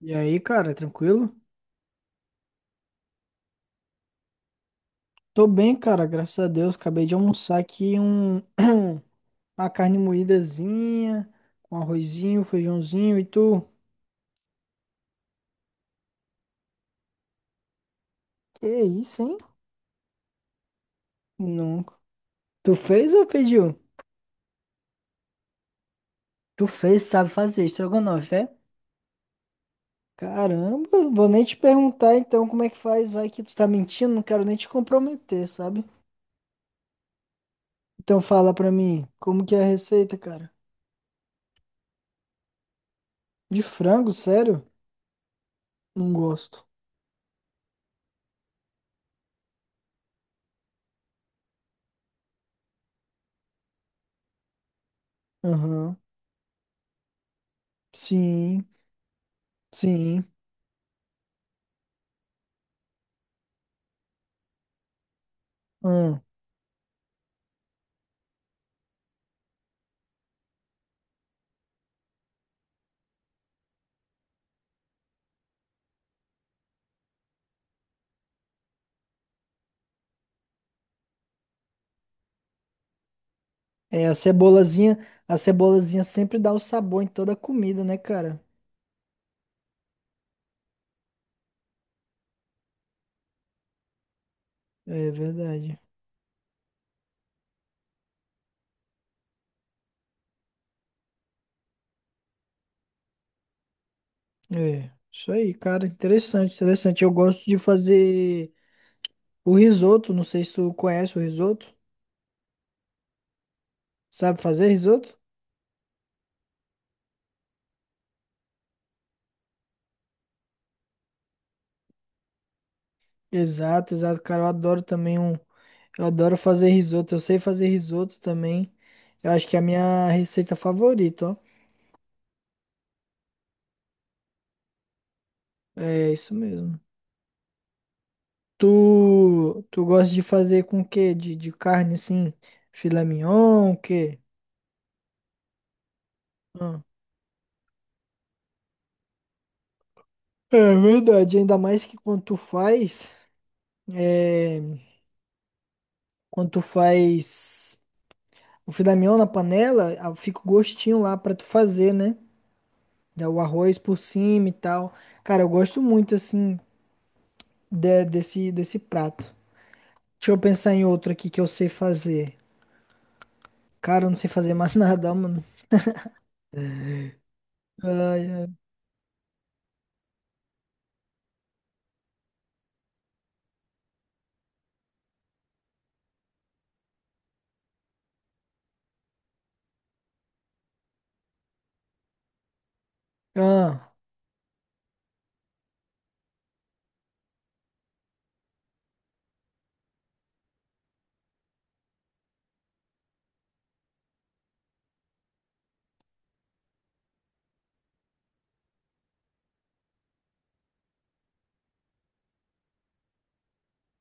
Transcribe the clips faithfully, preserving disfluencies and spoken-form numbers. E aí, cara, tranquilo? Tô bem, cara, graças a Deus. Acabei de almoçar aqui um uma carne moídazinha, um arrozinho, feijãozinho e tu. Que isso, hein? Nunca. Tu fez ou pediu? Tu fez, sabe fazer estrogonofe, é? Caramba, vou nem te perguntar então como é que faz, vai que tu tá mentindo, não quero nem te comprometer, sabe? Então fala pra mim, como que é a receita, cara? De frango, sério? Não gosto. Aham. Sim, sim. Ahn. É, a cebolazinha, a cebolazinha sempre dá o sabor em toda a comida, né, cara? É verdade. É, isso aí, cara, interessante, interessante. Eu gosto de fazer o risoto, não sei se tu conhece o risoto. Sabe fazer risoto? Exato, exato, cara, eu adoro também um, eu adoro fazer risoto, eu sei fazer risoto também. Eu acho que é a minha receita favorita, ó. É isso mesmo. Tu, tu gosta de fazer com o quê? De, de carne assim, filé mignon, o quê? É verdade, ainda mais que quando tu faz, é, quando tu faz o filé mignon na panela, ah, fica o gostinho lá pra tu fazer, né? Dá o arroz por cima e tal. Cara, eu gosto muito assim de- desse desse prato. Deixa eu pensar em outro aqui que eu sei fazer. Cara, eu não sei fazer mais nada, mano. Ai, ai. Ah,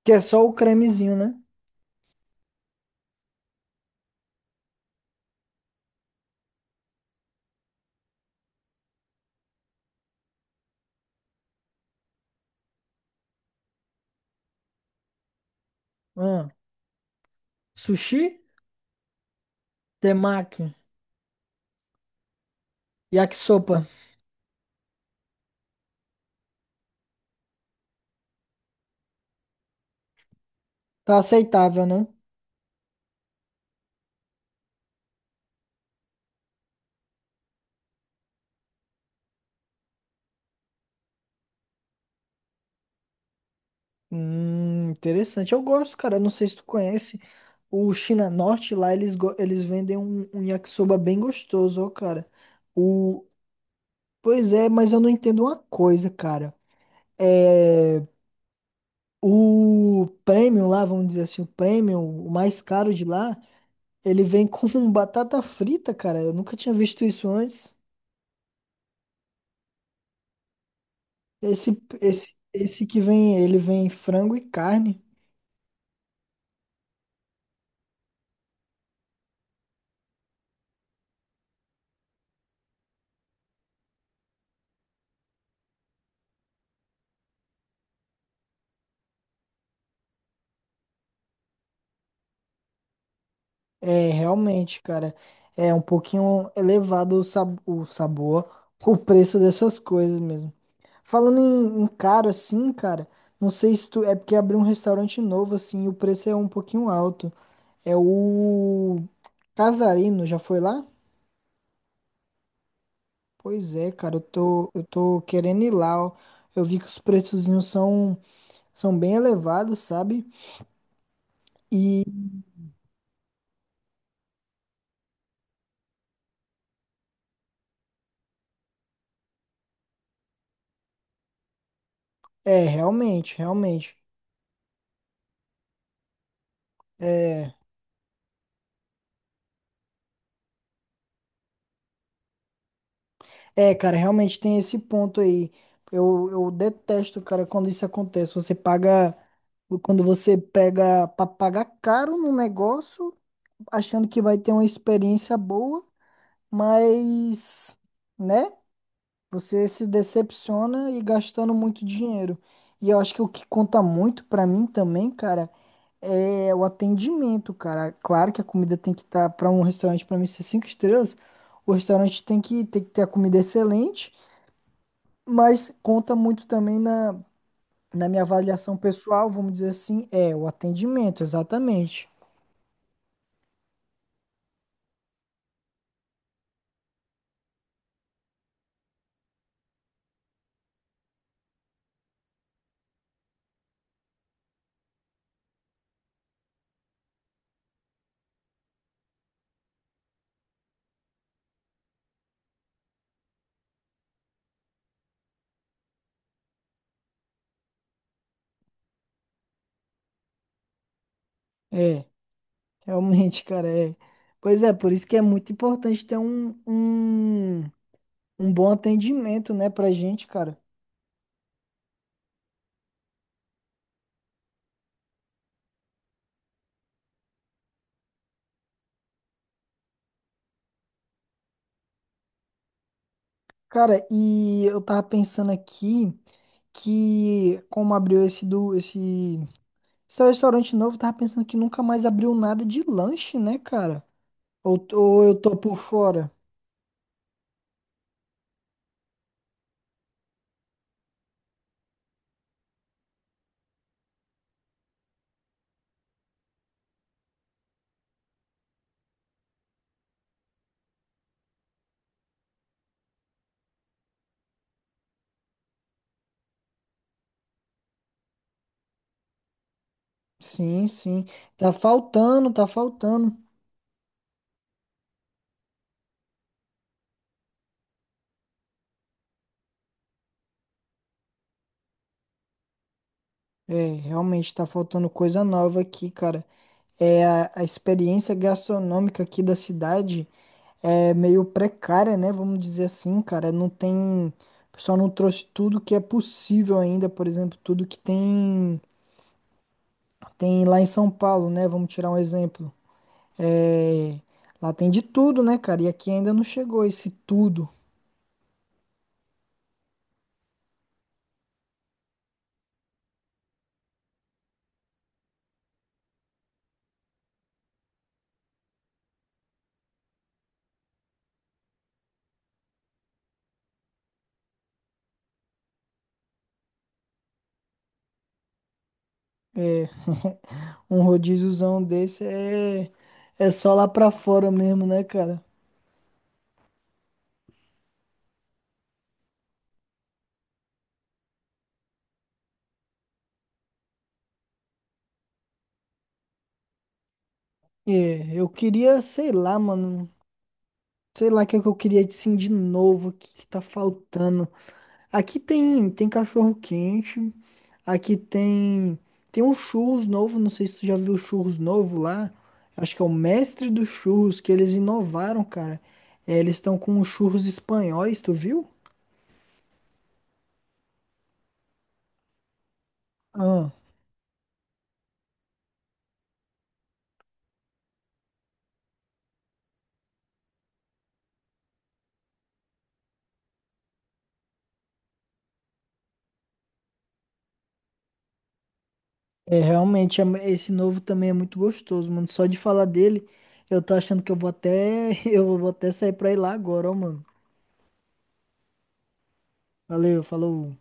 que é só o cremezinho, né? Ah, sushi, temaki, yakisoba. Tá aceitável, né? Hum, interessante. Eu gosto, cara. Não sei se tu conhece o China Norte lá, eles, go- eles vendem um, um yakisoba bem gostoso, ó, cara. O... Pois é, mas eu não entendo uma coisa, cara. É... O premium lá, vamos dizer assim, o premium, o mais caro de lá, ele vem com batata frita, cara. Eu nunca tinha visto isso antes. Esse, esse, esse que vem, ele vem frango e carne. É, realmente, cara, é um pouquinho elevado o, sab o sabor, o preço dessas coisas mesmo. Falando em, em caro assim, cara, não sei se tu, é porque abriu um restaurante novo assim, e o preço é um pouquinho alto. É o Casarino, já foi lá? Pois é, cara, eu tô, eu tô querendo ir lá, ó. Eu vi que os preçozinhos são, são bem elevados, sabe? E é, realmente, realmente. É. É, cara, realmente tem esse ponto aí. Eu, eu detesto, cara, quando isso acontece. Você paga, quando você pega pra pagar caro num negócio, achando que vai ter uma experiência boa, mas, né? Você se decepciona e gastando muito dinheiro. E eu acho que o que conta muito pra mim também, cara, é o atendimento, cara. Claro que a comida tem que estar tá, para um restaurante, pra mim ser cinco estrelas, o restaurante tem que, tem que ter a comida excelente, mas conta muito também na, na minha avaliação pessoal, vamos dizer assim, é o atendimento, exatamente. É, realmente, cara, é. Pois é, por isso que é muito importante ter um, um, um bom atendimento, né, pra gente, cara. Cara, e eu tava pensando aqui que como abriu esse do esse, esse restaurante novo, eu tava pensando que nunca mais abriu nada de lanche, né, cara? Ou, ou eu tô por fora? Sim, sim. Tá faltando, tá faltando. É, realmente tá faltando coisa nova aqui, cara. É a, a experiência gastronômica aqui da cidade é meio precária, né? Vamos dizer assim, cara. Não tem, o pessoal não trouxe tudo que é possível ainda, por exemplo, tudo que tem tem lá em São Paulo, né? Vamos tirar um exemplo. É, lá tem de tudo, né, cara? E aqui ainda não chegou esse tudo. É, um rodíziozão desse é é só lá pra fora mesmo, né, cara? É, eu queria, sei lá, mano. Sei lá o que é que eu queria assim de novo, o que que tá faltando. Aqui tem tem cachorro quente, aqui tem tem um churros novo, não sei se tu já viu o churros novo lá. Acho que é o mestre dos churros que eles inovaram, cara. É, eles estão com os churros espanhóis, tu viu? Ah, é realmente é mu- esse novo também é muito gostoso, mano. Só de falar dele, eu tô achando que eu vou até eu vou até sair pra ir lá agora, ó, mano. Valeu, falou.